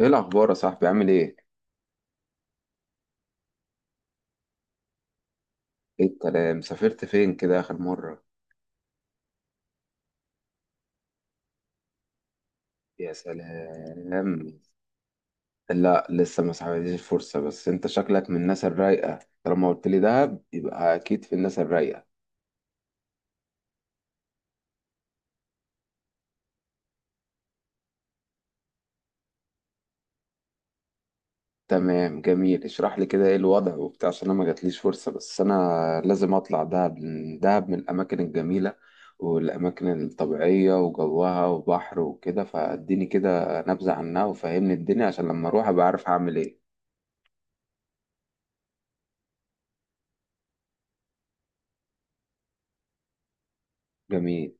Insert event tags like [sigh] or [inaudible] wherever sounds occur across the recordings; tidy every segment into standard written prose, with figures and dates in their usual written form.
ايه الاخبار يا صاحبي، عامل ايه؟ ايه الكلام، سافرت فين كده اخر مره؟ يا سلام. لا، لسه ما سحبتليش الفرصه، بس انت شكلك من الناس الرايقه. طالما قلت لي دهب يبقى اكيد في الناس الرايقه. تمام، جميل، اشرح لي كده ايه الوضع وبتاع، عشان انا ما جاتليش فرصه، بس انا لازم اطلع دهب لأن دهب من الاماكن الجميله والاماكن الطبيعيه وجوها وبحر وكده، فاديني كده نبذه عنها وفهمني الدنيا عشان لما اروح ابقى عارف هعمل ايه. جميل.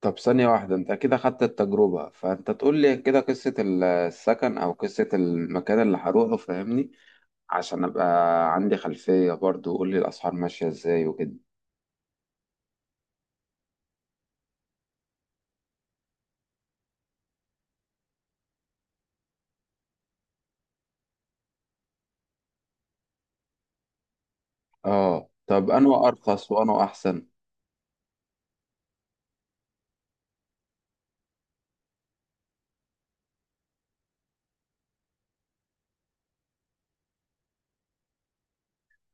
طب ثانية واحدة، انت كده خدت التجربة، فانت تقول لي كده قصة السكن او قصة المكان اللي هروحه، فاهمني؟ عشان ابقى عندي خلفية برضو، وقول لي الاسعار ماشية ازاي وكده. اه، طب انا ارخص وانا احسن.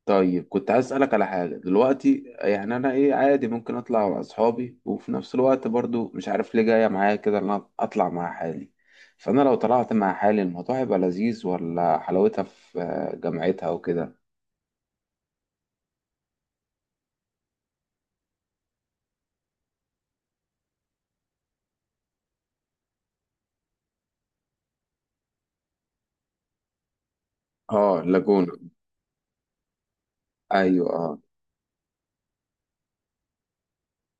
طيب، كنت عايز اسألك على حاجة دلوقتي، يعني انا ايه عادي ممكن اطلع مع اصحابي، وفي نفس الوقت برضو مش عارف ليه جاية معايا كده ان انا اطلع مع حالي. فانا لو طلعت مع حالي الموضوع هيبقى لذيذ، ولا حلاوتها في جامعتها وكده؟ اه، اللاجون. ايوه، اه.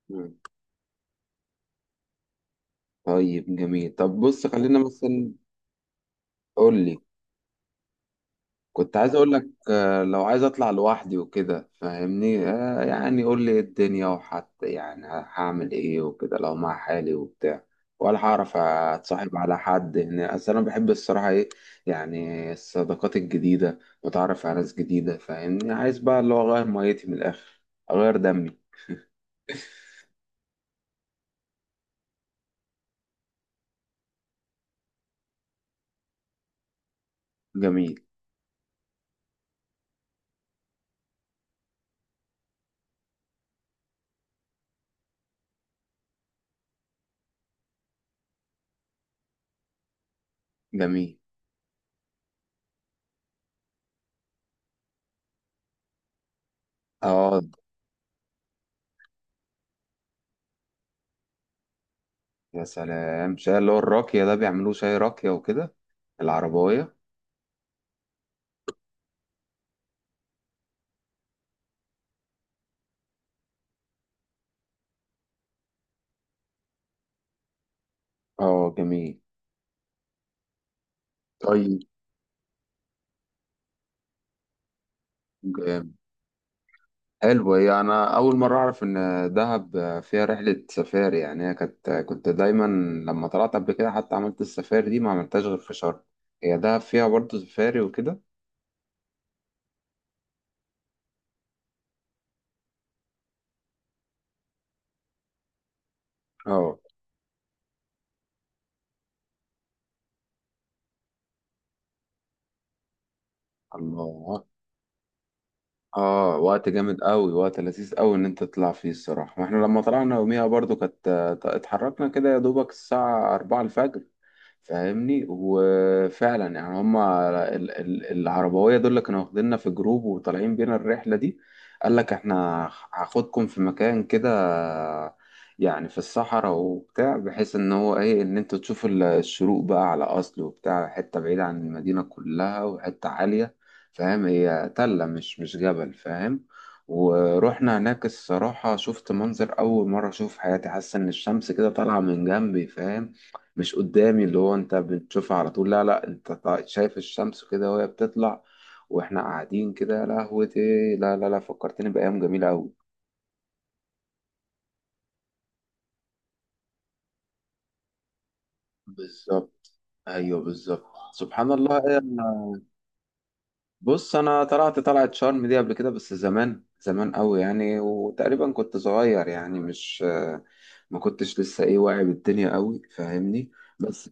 مم. طيب جميل، طب بص خلينا مثلا. قول لي. كنت عايز اقول لك، لو عايز اطلع لوحدي وكده فاهمني، يعني قول لي إيه الدنيا، وحتى يعني هعمل ايه وكده لو مع حالي وبتاع، ولا هعرف اتصاحب على حد هنا؟ اصل انا بحب الصراحه، ايه يعني الصداقات الجديده واتعرف على ناس جديده، فاهمني. عايز بقى اللي هو اغير ميتي من الاخر، اغير دمي. جميل. جميل. اه. يا سلام، شاي اللي هو الراكية ده، بيعملوه شاي راكية وكده، العرباية. اه، جميل. طيب جامد. حلو، هي انا اول مرة اعرف ان دهب فيها رحلة سفاري. يعني هي كانت، كنت دايما لما طلعت قبل كده حتى عملت السفاري دي، ما عملتهاش غير في شرم. هي دهب فيها برضه سفاري وكده؟ اه. الله. اه، وقت جامد قوي، وقت لذيذ قوي ان انت تطلع فيه الصراحة. واحنا لما طلعنا يوميها برضه كانت، اتحركنا كده يا دوبك الساعة 4 الفجر، فاهمني؟ وفعلا يعني هما العربوية دول اللي كانوا واخديننا في جروب وطالعين بينا الرحلة دي. قال لك احنا هاخدكم في مكان كده، يعني في الصحراء وبتاع، بحيث ان هو ايه، ان انتوا تشوفوا الشروق بقى، على اصل وبتاع حتة بعيدة عن المدينة كلها وحتة عالية، فاهم؟ هي تلة مش جبل، فاهم. ورحنا هناك الصراحة شفت منظر أول مرة أشوف في حياتي، حاسس إن الشمس كده طالعة من جنبي، فاهم. مش قدامي اللي هو انت بتشوفها على طول، لا لا، انت شايف الشمس كده وهي بتطلع، واحنا قاعدين كده يا لهوتي. لا لا لا، فكرتني بأيام جميلة أوي. بالظبط. ايوه بالظبط، سبحان الله، بص انا طلعت شرم دي قبل كده، بس زمان زمان قوي يعني، وتقريبا كنت صغير، يعني مش، ما كنتش لسه ايه واعي بالدنيا قوي، فاهمني. بس.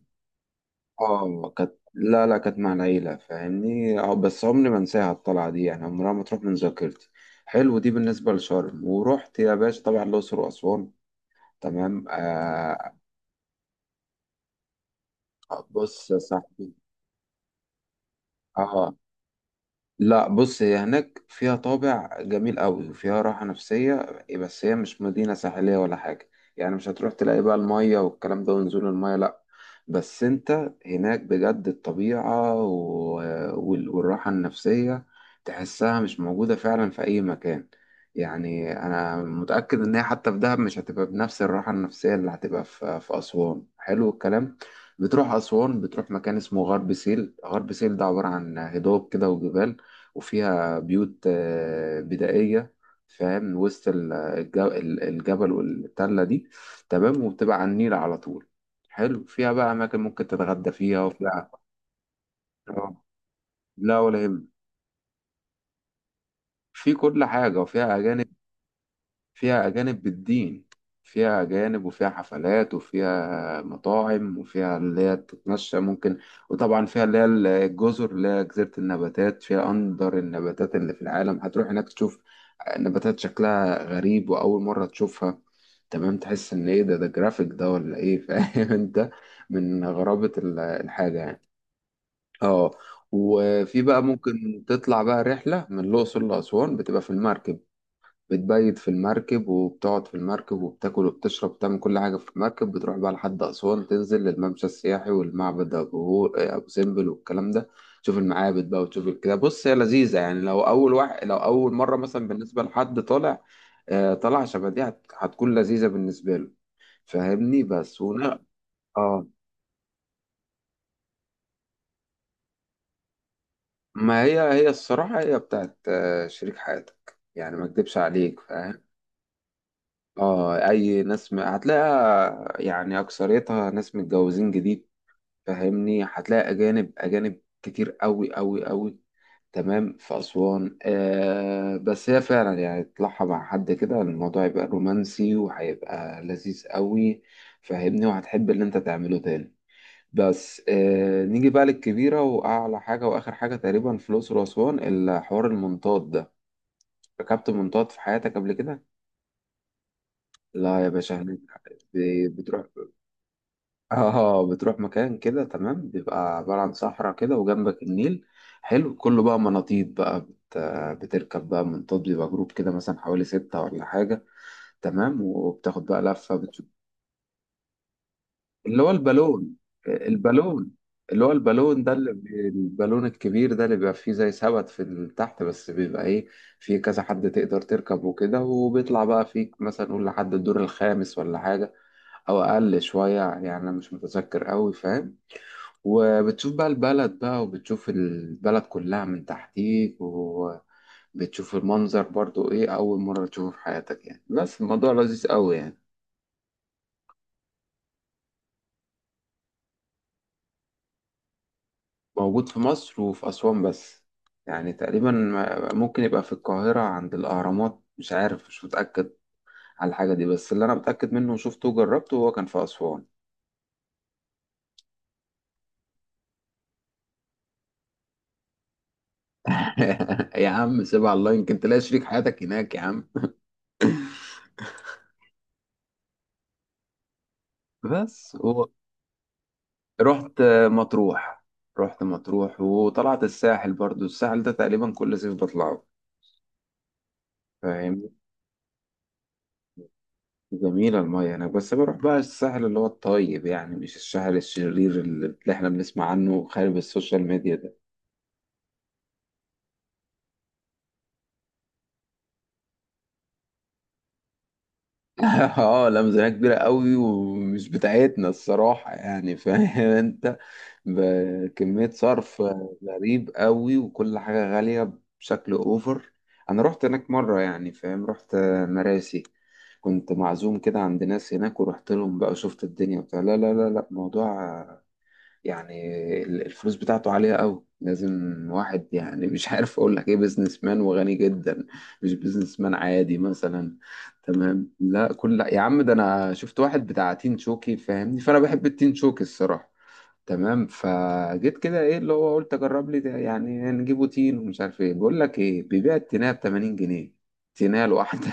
اه، كانت، لا لا، كانت مع العيلة فاهمني، اه بس عمري ما انساها الطلعة دي، يعني عمرها ما تروح من ذاكرتي. حلو، دي بالنسبة لشرم، ورحت يا باشا طبعا الأقصر وأسوان. تمام، آه. آه، بص يا صاحبي، اه، لا بص هي هناك فيها طابع جميل قوي وفيها راحة نفسية، بس هي مش مدينة ساحلية ولا حاجة. يعني مش هتروح تلاقي بقى المية والكلام ده ونزول المية، لا. بس انت هناك بجد الطبيعة و... والراحة النفسية تحسها مش موجودة فعلا في أي مكان. يعني أنا متأكد إن هي حتى في دهب مش هتبقى بنفس الراحة النفسية اللي هتبقى في أسوان، حلو الكلام. بتروح أسوان، بتروح مكان اسمه غرب سهيل. غرب سهيل ده عبارة عن هضاب كده وجبال، وفيها بيوت بدائية، فاهم، وسط الجبل والتلة دي، تمام، وبتبقى على النيل على طول، حلو. فيها بقى أماكن ممكن تتغدى فيها وفيها، آه، لا ولا يهم، في كل حاجة، وفيها أجانب. فيها أجانب بالدين، فيها أجانب وفيها حفلات وفيها مطاعم وفيها اللي هي تتمشى ممكن. وطبعا فيها اللي هي الجزر اللي هي جزيرة النباتات، فيها أندر النباتات اللي في العالم. هتروح هناك تشوف نباتات شكلها غريب وأول مرة تشوفها، تمام. تحس إن إيه ده، ده جرافيك ده ولا إيه؟ [laughs] فاهم أنت من غرابة الحاجة يعني. اه، وفي بقى ممكن تطلع بقى رحلة من الأقصر لأسوان بتبقى في المركب، بتبيت في المركب وبتقعد في المركب وبتاكل وبتشرب وبتعمل كل حاجة في المركب. بتروح بقى لحد أسوان، تنزل للممشى السياحي والمعبد أبو سمبل والكلام ده. تشوف المعابد بقى وتشوف كده، بص هي لذيذة يعني، لو أول واحد، لو أول مرة مثلا بالنسبة لحد طالع طالع شبه دي، هتكون لذيذة بالنسبة له فاهمني، بس ونا. اه، ما هي هي الصراحة هي بتاعت شريك حياتك، يعني ما اكدبش عليك فاهم. اه، اي ناس هتلاقيها يعني اكثريتها ناس متجوزين جديد، فاهمني. هتلاقي اجانب، اجانب كتير قوي قوي قوي، تمام، في اسوان، آه، بس هي فعلا يعني تطلعها مع حد كده الموضوع يبقى رومانسي وهيبقى لذيذ قوي، فاهمني، وهتحب اللي انت تعمله تاني. بس نيجي بقى للكبيرة واعلى حاجة واخر حاجة تقريبا في الاقصر واسوان، الحوار المنطاد ده. ركبت منطاد في حياتك قبل كده؟ لا يا باشا، هناك بتروح، اه، بتروح مكان كده تمام، بيبقى عبارة عن صحراء كده وجنبك النيل، حلو، كله بقى مناطيد بقى بتركب بقى منطاد. بيبقى جروب كده مثلا حوالي ستة ولا حاجة، تمام، وبتاخد بقى لفة، بتشوف، اللي هو البالون. البالون، اللي هو البالون ده، اللي البالون الكبير ده، اللي بيبقى فيه زي سبت في تحت، بس بيبقى ايه، فيه كذا حد تقدر تركب وكده، وبيطلع بقى فيك مثلا نقول لحد الدور الخامس ولا حاجة، أو أقل شوية يعني، أنا مش متذكر أوي فاهم. وبتشوف بقى البلد بقى، وبتشوف البلد كلها من تحتيك، وبتشوف المنظر برضو ايه، أول مرة تشوفه في حياتك، يعني بس الموضوع لذيذ أوي يعني. موجود في مصر وفي أسوان بس. يعني تقريبا ممكن يبقى في القاهرة عند الأهرامات، مش عارف مش متأكد على الحاجة دي، بس اللي أنا متأكد منه وشفته وجربته هو كان في أسوان. [laughs] يا عم سيبها على الله، يمكن تلاقي شريك حياتك هناك يا عم. بس هو، رحت مطروح. رحت مطروح وطلعت الساحل برضو، الساحل ده تقريبا كل صيف بطلعه، فاهمني. جميلة المية هناك، بس بروح بقى الساحل اللي هو الطيب، يعني مش الساحل الشرير اللي احنا بنسمع عنه خارج السوشيال ميديا ده. [laughs] اه، لا ميزانية كبيرة قوي ومش بتاعتنا الصراحة، يعني فاهم انت، بكمية صرف غريب قوي، وكل حاجة غالية بشكل اوفر. انا رحت هناك مرة، يعني فاهم، رحت مراسي، كنت معزوم كده عند ناس هناك، ورحت لهم بقى وشفت الدنيا بتاع، لا لا لا لا، موضوع يعني الفلوس بتاعته عالية قوي، لازم واحد يعني، [laughs] مش عارف اقول لك ايه، بيزنس مان وغني جدا، مش بيزنس مان عادي مثلا، تمام. لا كل، لا يا عم، ده انا شفت واحد بتاع تين شوكي فاهمني، فانا بحب التين شوكي الصراحة، تمام. فجيت كده ايه، اللي هو قلت اجرب لي ده، يعني نجيبه تين ومش عارف ايه، بقول لك ايه، بيبيع التينه ب 80 جنيه، تينه لوحده.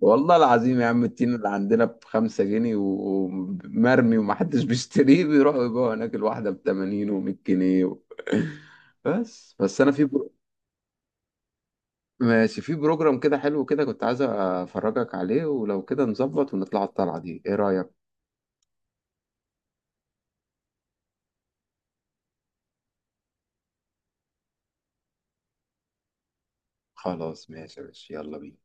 والله العظيم يا عم التين اللي عندنا ب5 جنيه ومرمي ومحدش [laughs] بيشتريه، بيروحوا يبيعوا هناك الواحدة بتمانين ومية جنيه و... [laughs] بس ماشي، في بروجرام كده حلو كده كنت عايز أفرجك عليه، ولو كده نظبط ونطلع الطلعة دي، إيه رأيك؟ خلاص ماشي يا باشا، يلا بينا.